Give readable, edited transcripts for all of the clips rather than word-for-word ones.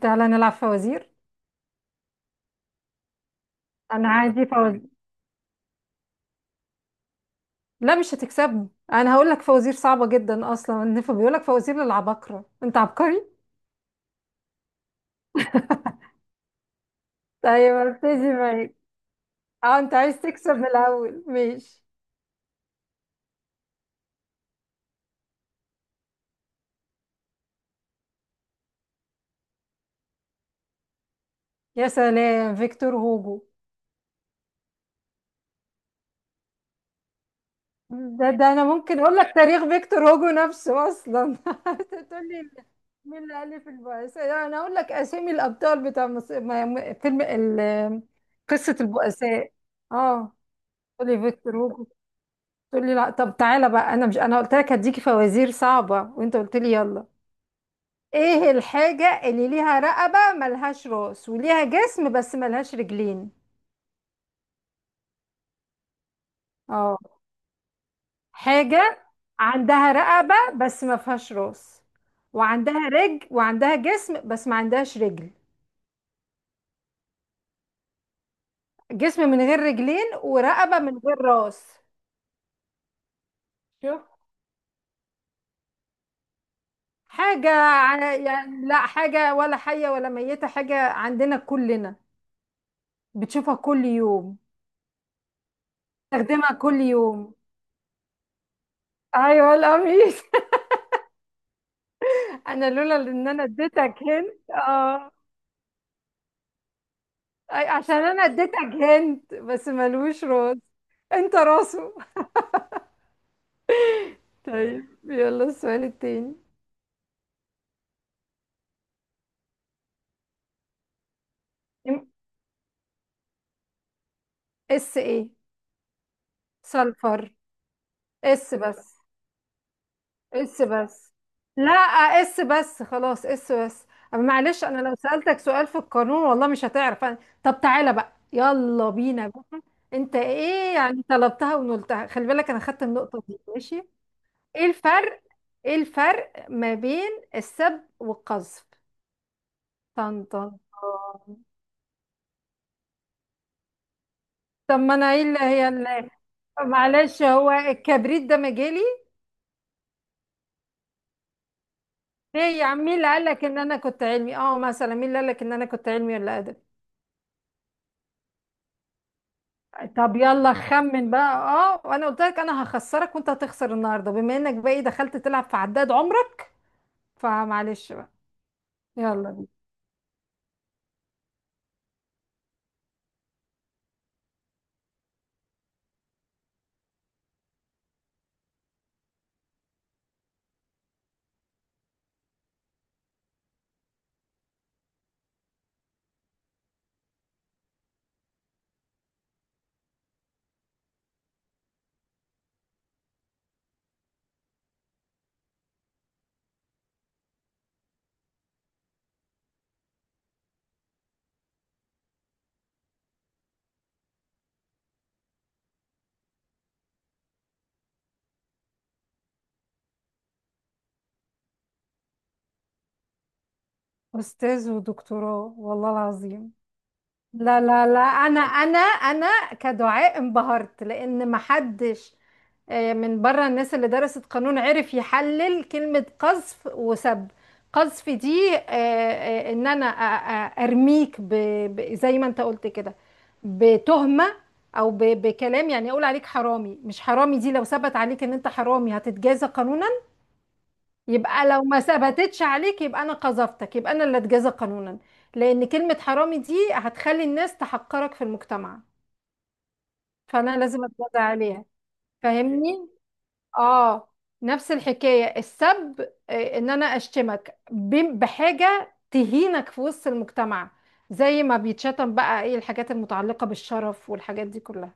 تعالى نلعب فوازير. انا عادي فوازير. لا، مش هتكسبني، انا هقول لك فوازير صعبه جدا، اصلا النفا بيقول لك فوازير للعباقره، انت عبقري؟ طيب ابتدي معاك. اه، انت عايز تكسب من الاول؟ ماشي. يا سلام، فيكتور هوجو. ده انا ممكن اقول لك تاريخ فيكتور هوجو نفسه اصلا تقول لي مين اللي الف البؤساء؟ يعني انا اقول لك اسامي الابطال بتاع مص... ما- ما- فيلم قصه البؤساء. اه، قولي فيكتور هوجو تقول لي لا. طب تعالى بقى، انا مش انا قلت لك هديكي فوازير صعبة وانت قلت لي يلا. ايه الحاجة اللي ليها رقبة ملهاش راس وليها جسم بس ملهاش رجلين؟ اه، حاجة عندها رقبة بس ما فيهاش راس، وعندها رجل وعندها جسم بس ما عندهاش رجل. جسم من غير رجلين ورقبة من غير راس. شوف، يعني لا حاجة ولا حية ولا ميتة، حاجة عندنا كلنا بتشوفها كل يوم، بتستخدمها كل يوم. ايوه، القميص. انا لولا ان انا اديتك هنت. اه. عشان انا اديتك هنت بس ملوش راس، انت راسه. طيب، يلا السؤال التاني. ام- اس ايه؟ سلفر. اس بس، اس بس. لا، اس بس خلاص، اس بس. أما معلش، انا لو سألتك سؤال في القانون والله مش هتعرف طب تعالى بقى، يلا بينا بقى. انت ايه يعني، طلبتها ونلتها، خلي بالك انا خدت النقطة دي، ماشي. ايه الفرق، ايه الفرق ما بين السب والقذف؟ طن طن طن. طب ما انا ايه اللي هي اللي... معلش، هو الكبريت ده مجالي؟ ليه يا عم، مين اللي قالك ان انا كنت علمي؟ اه، مثلا مين اللي قالك ان انا كنت علمي ولا ادبي؟ طب يلا خمن بقى. اه، وانا قلت لك انا هخسرك وانت هتخسر النهارده، بما انك بقى ايه دخلت تلعب في عداد عمرك، فمعلش بقى. يلا بينا. استاذ ودكتوراه والله العظيم. لا لا لا، انا كدعاء انبهرت لان محدش من بره الناس اللي درست قانون عرف يحلل كلمة قذف وسب. قذف دي ان انا ارميك زي ما انت قلت كده بتهمة، او بكلام، يعني اقول عليك حرامي. مش حرامي دي لو ثبت عليك ان انت حرامي هتتجازى قانونا. يبقى لو ما ثبتتش عليك يبقى انا قذفتك، يبقى انا اللي اتجازى قانونا، لان كلمة حرامي دي هتخلي الناس تحقرك في المجتمع، فانا لازم اتجازى عليها. فاهمني؟ اه. نفس الحكاية السب، ان انا اشتمك بحاجة تهينك في وسط المجتمع. زي ما بيتشتم بقى، ايه الحاجات المتعلقة بالشرف والحاجات دي كلها،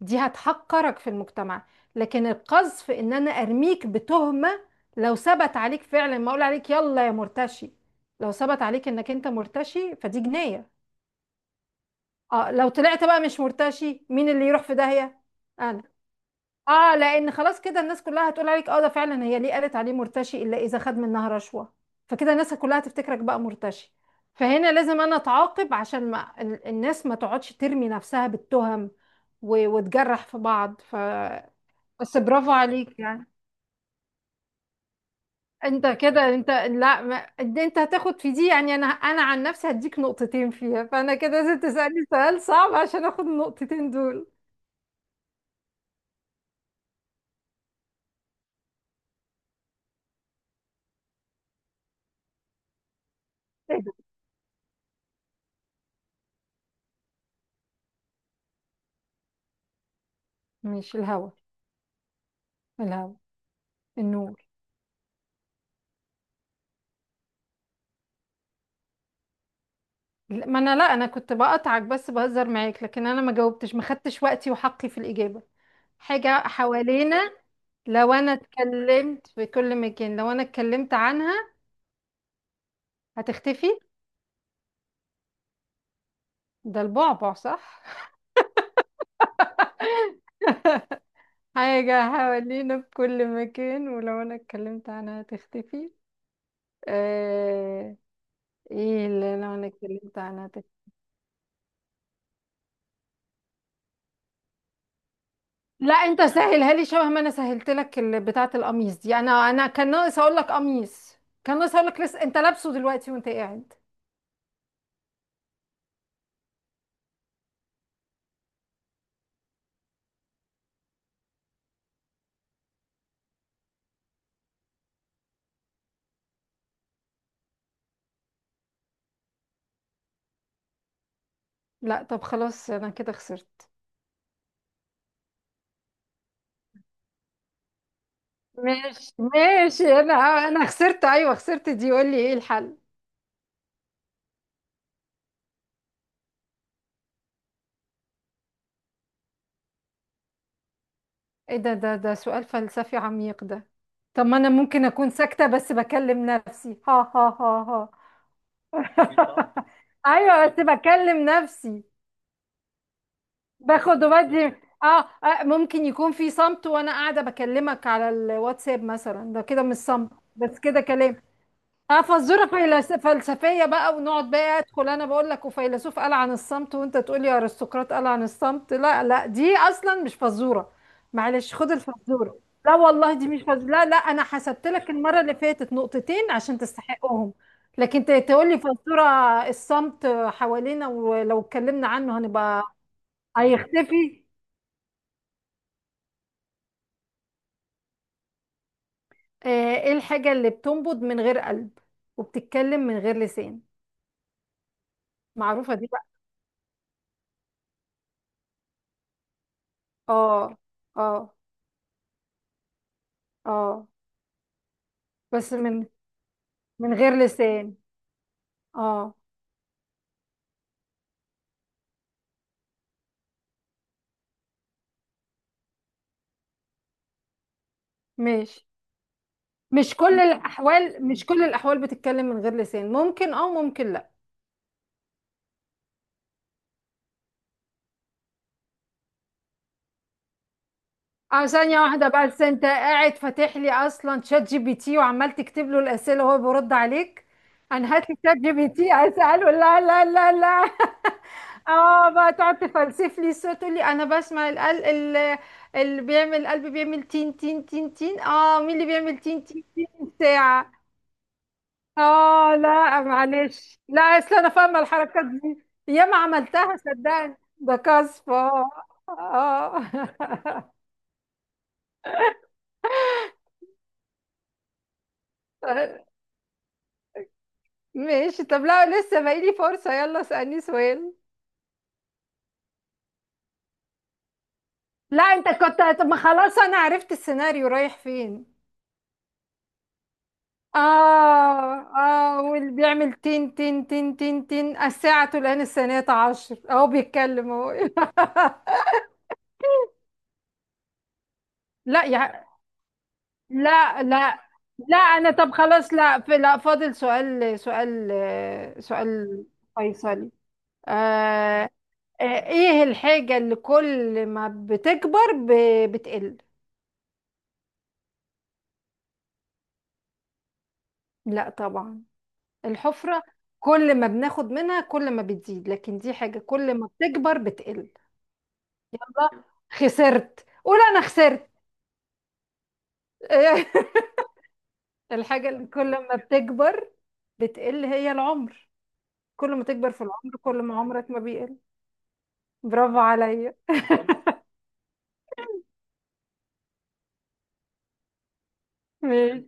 دي هتحقرك في المجتمع. لكن القذف ان انا ارميك بتهمة، لو ثبت عليك فعلا ما اقول عليك يلا يا مرتشي، لو ثبت عليك انك انت مرتشي فدي جناية. اه، لو طلعت بقى مش مرتشي، مين اللي يروح في داهية؟ انا. اه، لان خلاص كده الناس كلها هتقول عليك، اه ده فعلا هي ليه قالت عليه مرتشي الا اذا خد منها رشوة، فكده الناس كلها هتفتكرك بقى مرتشي. فهنا لازم انا اتعاقب عشان ما الناس ما تقعدش ترمي نفسها بالتهم، وتجرح في بعض. ف... بس برافو عليك يعني. انت كده، انت لا ما... انت هتاخد في دي يعني. انا عن نفسي هديك نقطتين فيها، فانا كده لازم تسألني سؤال صعب عشان اخد النقطتين دول. ايه ده؟ مش الهوا؟ الهوا. النور. لا، ما انا لا، انا كنت بقطعك بس بهزر معاك، لكن انا ما جاوبتش، ما خدتش وقتي وحقي في الإجابة. حاجة حوالينا، لو انا اتكلمت في كل مكان، لو انا اتكلمت عنها هتختفي. ده البعبع؟ صح. حاجة حوالينا في كل مكان ولو أنا اتكلمت عنها هتختفي. آه... ايه اللي لو أنا اتكلمت عنها هتختفي؟ لا، انت سهلها لي شبه ما انا سهلت لك بتاعة القميص دي، انا انا كان ناقص اقول لك قميص، كان ناقص اقول لك لسه انت لابسه دلوقتي وانت قاعد. لا، طب خلاص انا كده خسرت. ماشي ماشي، انا، انا خسرت، ايوه خسرت دي. قول لي ايه الحل. ايه ده، ده سؤال فلسفي عميق ده. طب ما انا ممكن اكون ساكتة بس بكلم نفسي؟ ها ها ها ها. ايوه بس بكلم نفسي. باخد وبدي. اه، ممكن يكون في صمت وانا قاعده بكلمك على الواتساب مثلا، ده كده مش صمت، بس كده كلام. اه، فالظروف فلسفيه بقى، ونقعد بقى ادخل انا بقول لك وفيلسوف قال عن الصمت، وانت تقول لي ارسطقراط قال عن الصمت. لا لا، دي اصلا مش فزوره. معلش خد الفزوره. لا والله دي مش فزوره. لا لا، انا حسبت لك المره اللي فاتت نقطتين عشان تستحقهم. لكن تقول لي فزوره. الصمت حوالينا ولو اتكلمنا عنه هنبقى هيختفي. ايه الحاجه اللي بتنبض من غير قلب وبتتكلم من غير لسان؟ معروفه دي بقى. اه. اه. اه بس من، من غير لسان. اه ماشي. مش كل الاحوال، مش كل الاحوال بتتكلم من غير لسان، ممكن اه ممكن لا. اه، ثانية واحدة بقى، بس انت قاعد فاتح لي اصلا شات جي بي تي وعمال تكتب له الاسئلة وهو بيرد عليك؟ انا هات لي شات جي بي تي اساله، لا لا لا لا. اه بقى تقعد تفلسف لي الصوت، تقول لي انا بسمع القلب اللي بيعمل، القلب بيعمل تين تين تين تين، اه مين اللي بيعمل تين تين تين؟ ساعة. اه لا معلش، لا اصل انا فاهمه الحركات دي، ياما عملتها صدقني ده كسف. اه آه. طيب، ماشي. طب لا، لسه باقيلي فرصه، يلا اسالني سؤال. لا، انت كنت، طب ما خلاص انا عرفت السيناريو رايح فين. اه، اه، واللي بيعمل تين تين تين تين تين، الساعه تلان، السنه عشر اهو بيتكلم اهو. لا يا... لا لا، لا انا طب خلاص، لا في، لا فاضل سؤال، سؤال. سؤال فيصلي. آه. آه، ايه الحاجة اللي كل ما بتكبر بتقل؟ لا طبعا. الحفرة، كل ما بناخد منها كل ما بتزيد، لكن دي حاجة كل ما بتكبر بتقل. الله. خسرت، قول انا خسرت. الحاجة اللي كل ما بتكبر بتقل هي العمر، كل ما تكبر في العمر كل ما عمرك ما بيقل. برافو عليا. ماشي،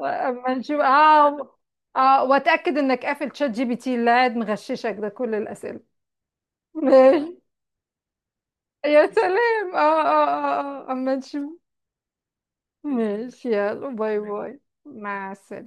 اما نشوف. اه. اه، واتاكد انك قافل تشات جي بي تي اللي قاعد مغششك ده كل الاسئله. ماشي، يا سلام، اه اه اه آه. اما نشوف. ماشي، يلا باي باي. مع السلامه.